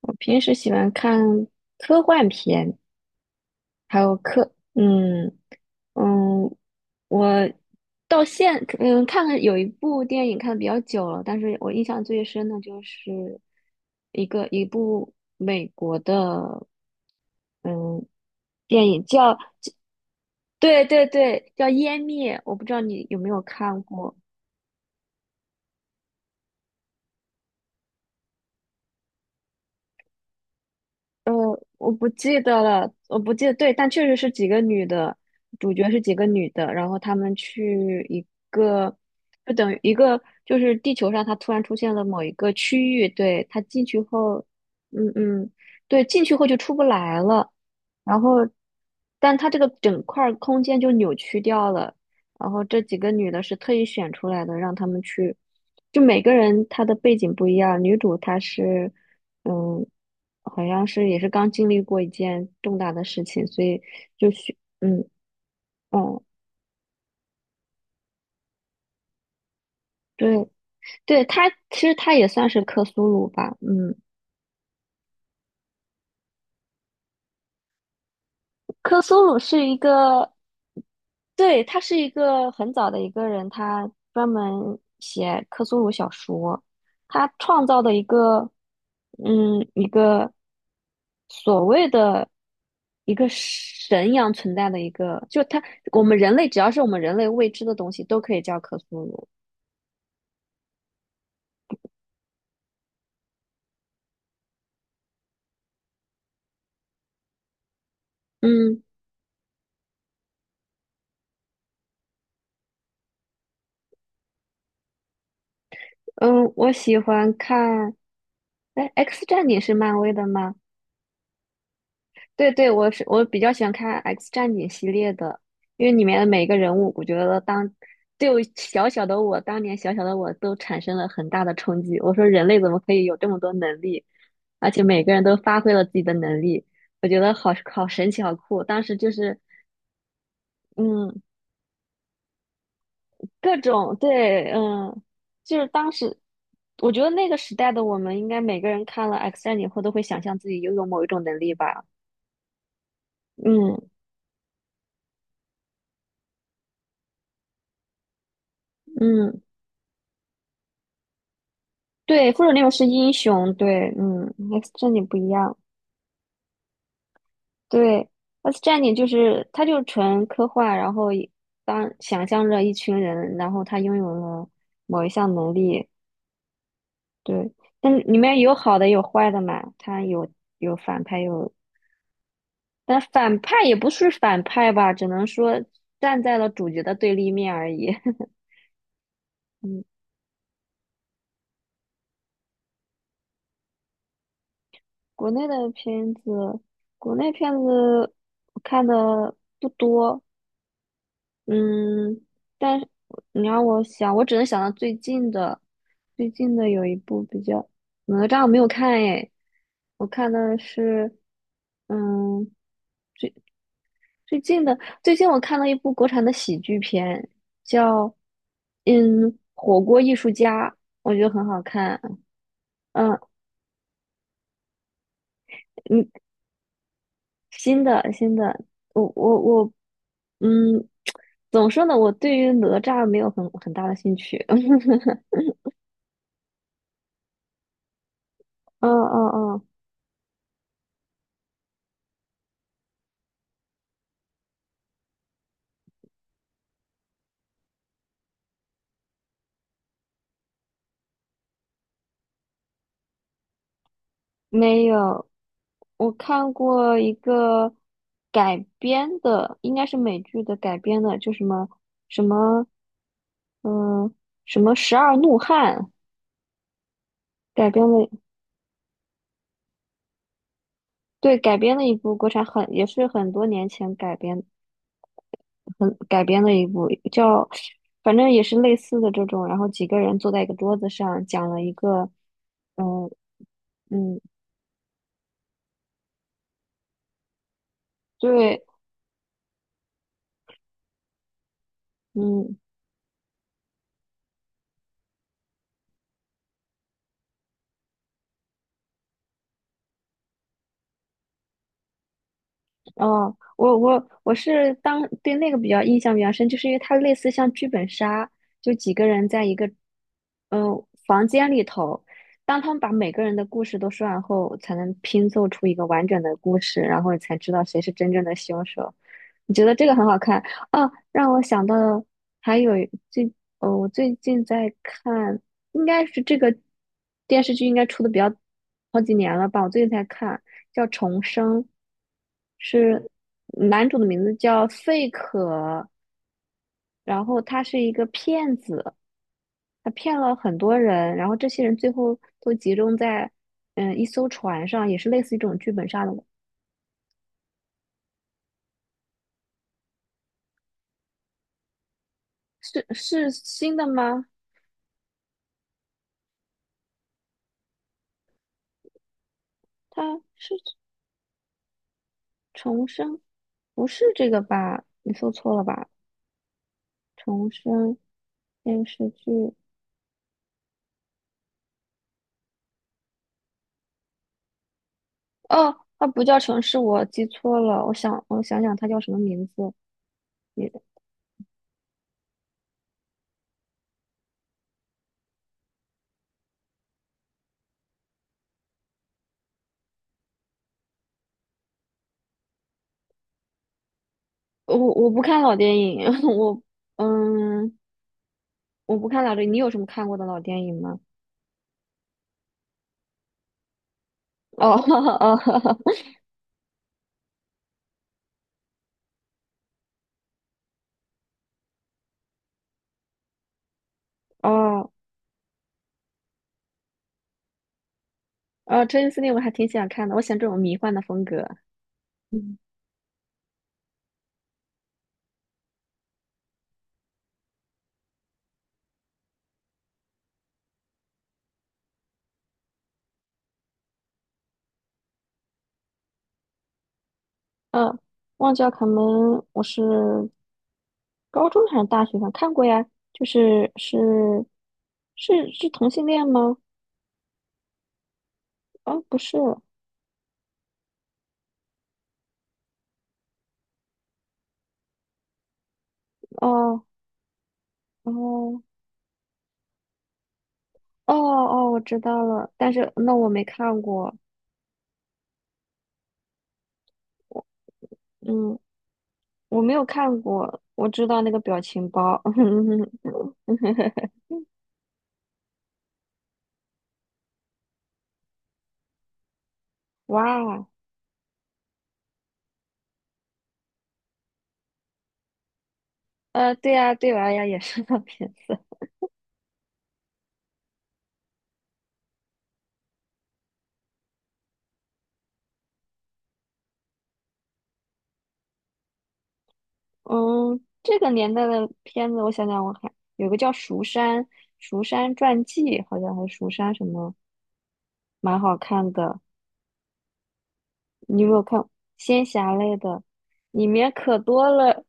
我平时喜欢看科幻片，还有科，嗯，我到现嗯看了有一部电影看的比较久了，但是我印象最深的就是一部美国的嗯电影叫，对对对，叫《湮灭》，我不知道你有没有看过。呃，我不记得了，我不记得，对，但确实是几个女的，主角是几个女的，然后她们去一个，就等于一个，就是地球上它突然出现了某一个区域，对，它进去后，嗯嗯，对，进去后就出不来了，然后，但它这个整块儿空间就扭曲掉了。然后这几个女的是特意选出来的，让她们去，就每个人她的背景不一样。女主她是，嗯，好像是也是刚经历过一件重大的事情，所以就去，哦，对对，她其实她也算是克苏鲁吧，嗯。克苏鲁是一个，对，他是一个很早的一个人，他专门写克苏鲁小说，他创造的一个，一个所谓的一个神一样存在的一个，就他，我们人类只要是我们人类未知的东西，都可以叫克苏鲁。嗯嗯，我喜欢看，哎，《X 战警》是漫威的吗？对对，我比较喜欢看《X 战警》系列的，因为里面的每个人物，我觉得当对，我小小的我，当年小小的我都产生了很大的冲击。我说人类怎么可以有这么多能力，而且每个人都发挥了自己的能力，我觉得好好神奇，好酷。当时就是嗯，各种对，就是当时我觉得那个时代的我们，应该每个人看了《X 战警》后都会想象自己拥有某一种能力吧。嗯嗯。对，复仇者联盟是英雄，对，嗯，X 战警不一样，对，X 战警就是它就纯科幻，然后当想象着一群人，然后他拥有了某一项能力，对，但里面有好的有坏的嘛，他有反派，但反派也不是反派吧，只能说站在了主角的对立面而已。嗯，国内的片子，国内片子我看的不多，嗯，但是你让我想，我只能想到最近的，有一部哪吒我没有看诶，我看的是，嗯，最近的最近我看了一部国产的喜剧片，叫火锅艺术家，我觉得很好看。嗯，嗯，新的新的，我我我，嗯，怎么说呢？我对于哪吒没有很大的兴趣。嗯嗯嗯。没有，我看过一个改编的，应该是美剧的改编的，就什么什么，嗯、《十二怒汉》改编的，对，改编的一部国产很，也是很多年前改编，很改编的一部叫，反正也是类似的这种，然后几个人坐在一个桌子上，讲了一个，嗯嗯，对，嗯。哦，我是对那个比较印象比较深，就是因为它类似像剧本杀，就几个人在一个房间里头，当他们把每个人的故事都说完后，才能拼凑出一个完整的故事，然后你才知道谁是真正的凶手。你觉得这个很好看啊，让我想到还有最哦，我最近在看。应该是这个电视剧应该出的比较好几年了吧，我最近才看，叫《重生》，是男主的名字叫费可，然后他是一个骗子，他骗了很多人，然后这些人最后都集中在一艘船上，也是类似于这种剧本杀的，是新的吗？他是重生，不是这个吧？你搜错了吧？重生电视剧。哦，它不叫城市，我记错了。我想，我想想，它叫什么名字？你我不看老电影，我嗯，我不看老电影。你有什么看过的老电影吗？哦 哦哦哦，《真丝令》我还挺想看的，我喜欢这种迷幻的风格。嗯嗯，忘记了卡门，我是高中还是大学上看过呀？就是是同性恋吗？哦，不是，哦哦。哦哦，我知道了，但是那我没看过，嗯，我没有看过，我知道那个表情包，哇，对呀，对娃呀，也是那片子，嗯，这个年代的片子，我想想，我还有个叫《蜀山传记》，好像还是蜀山什么，蛮好看的，你有没有看仙侠类的？里面可多了，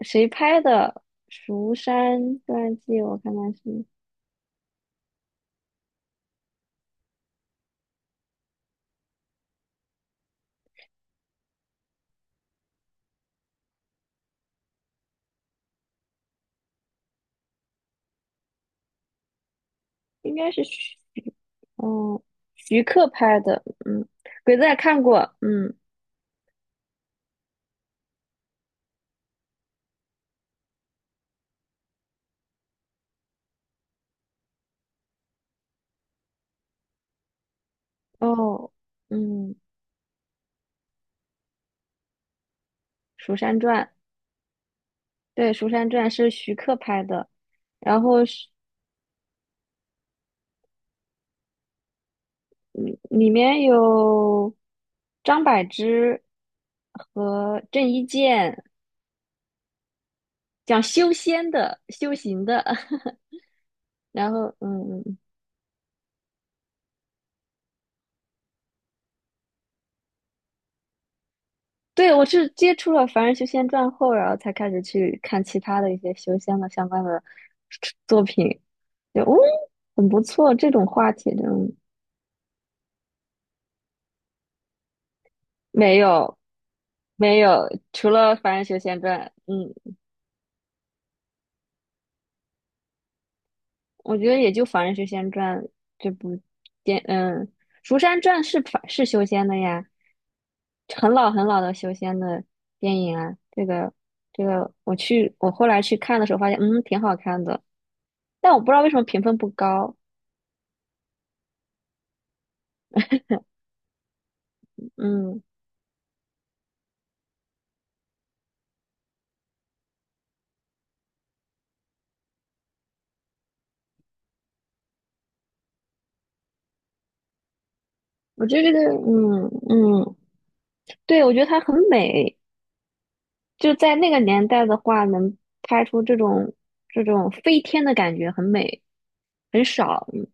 谁拍的《蜀山传记》？我看看是。应该是徐，哦，徐克拍的，嗯，鬼子也看过，嗯，哦，嗯，《蜀山传》，对，《蜀山传》是徐克拍的，然后嗯里面有张柏芝和郑伊健，讲修仙的、修行的，然后，嗯嗯。对，我是接触了《凡人修仙传》后，然后才开始去看其他的一些修仙的相关的作品，就哦，很不错。这种话题真没有没有，除了《凡人修仙传》，嗯，我觉得也就《凡人修仙传》这部电，嗯，《蜀山传》是凡是修仙的呀，很老很老的修仙的电影啊。这个这个，我后来去看的时候发现，挺好看的，但我不知道为什么评分不高。嗯，我觉得这个，嗯嗯，对，我觉得它很美，就在那个年代的话，能拍出这种飞天的感觉，很美，很少。嗯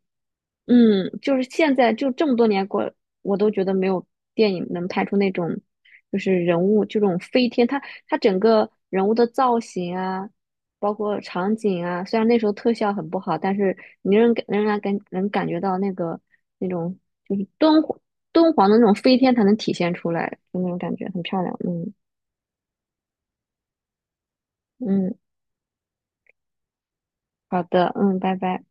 嗯，就是现在就这么多年过，我都觉得没有电影能拍出那种，就是人物就这种飞天，它整个人物的造型啊，包括场景啊，虽然那时候特效很不好，但是你仍然能感觉到那个那种就是敦煌的那种飞天才能体现出来，就那种感觉很漂亮。嗯嗯，好的，嗯，拜拜。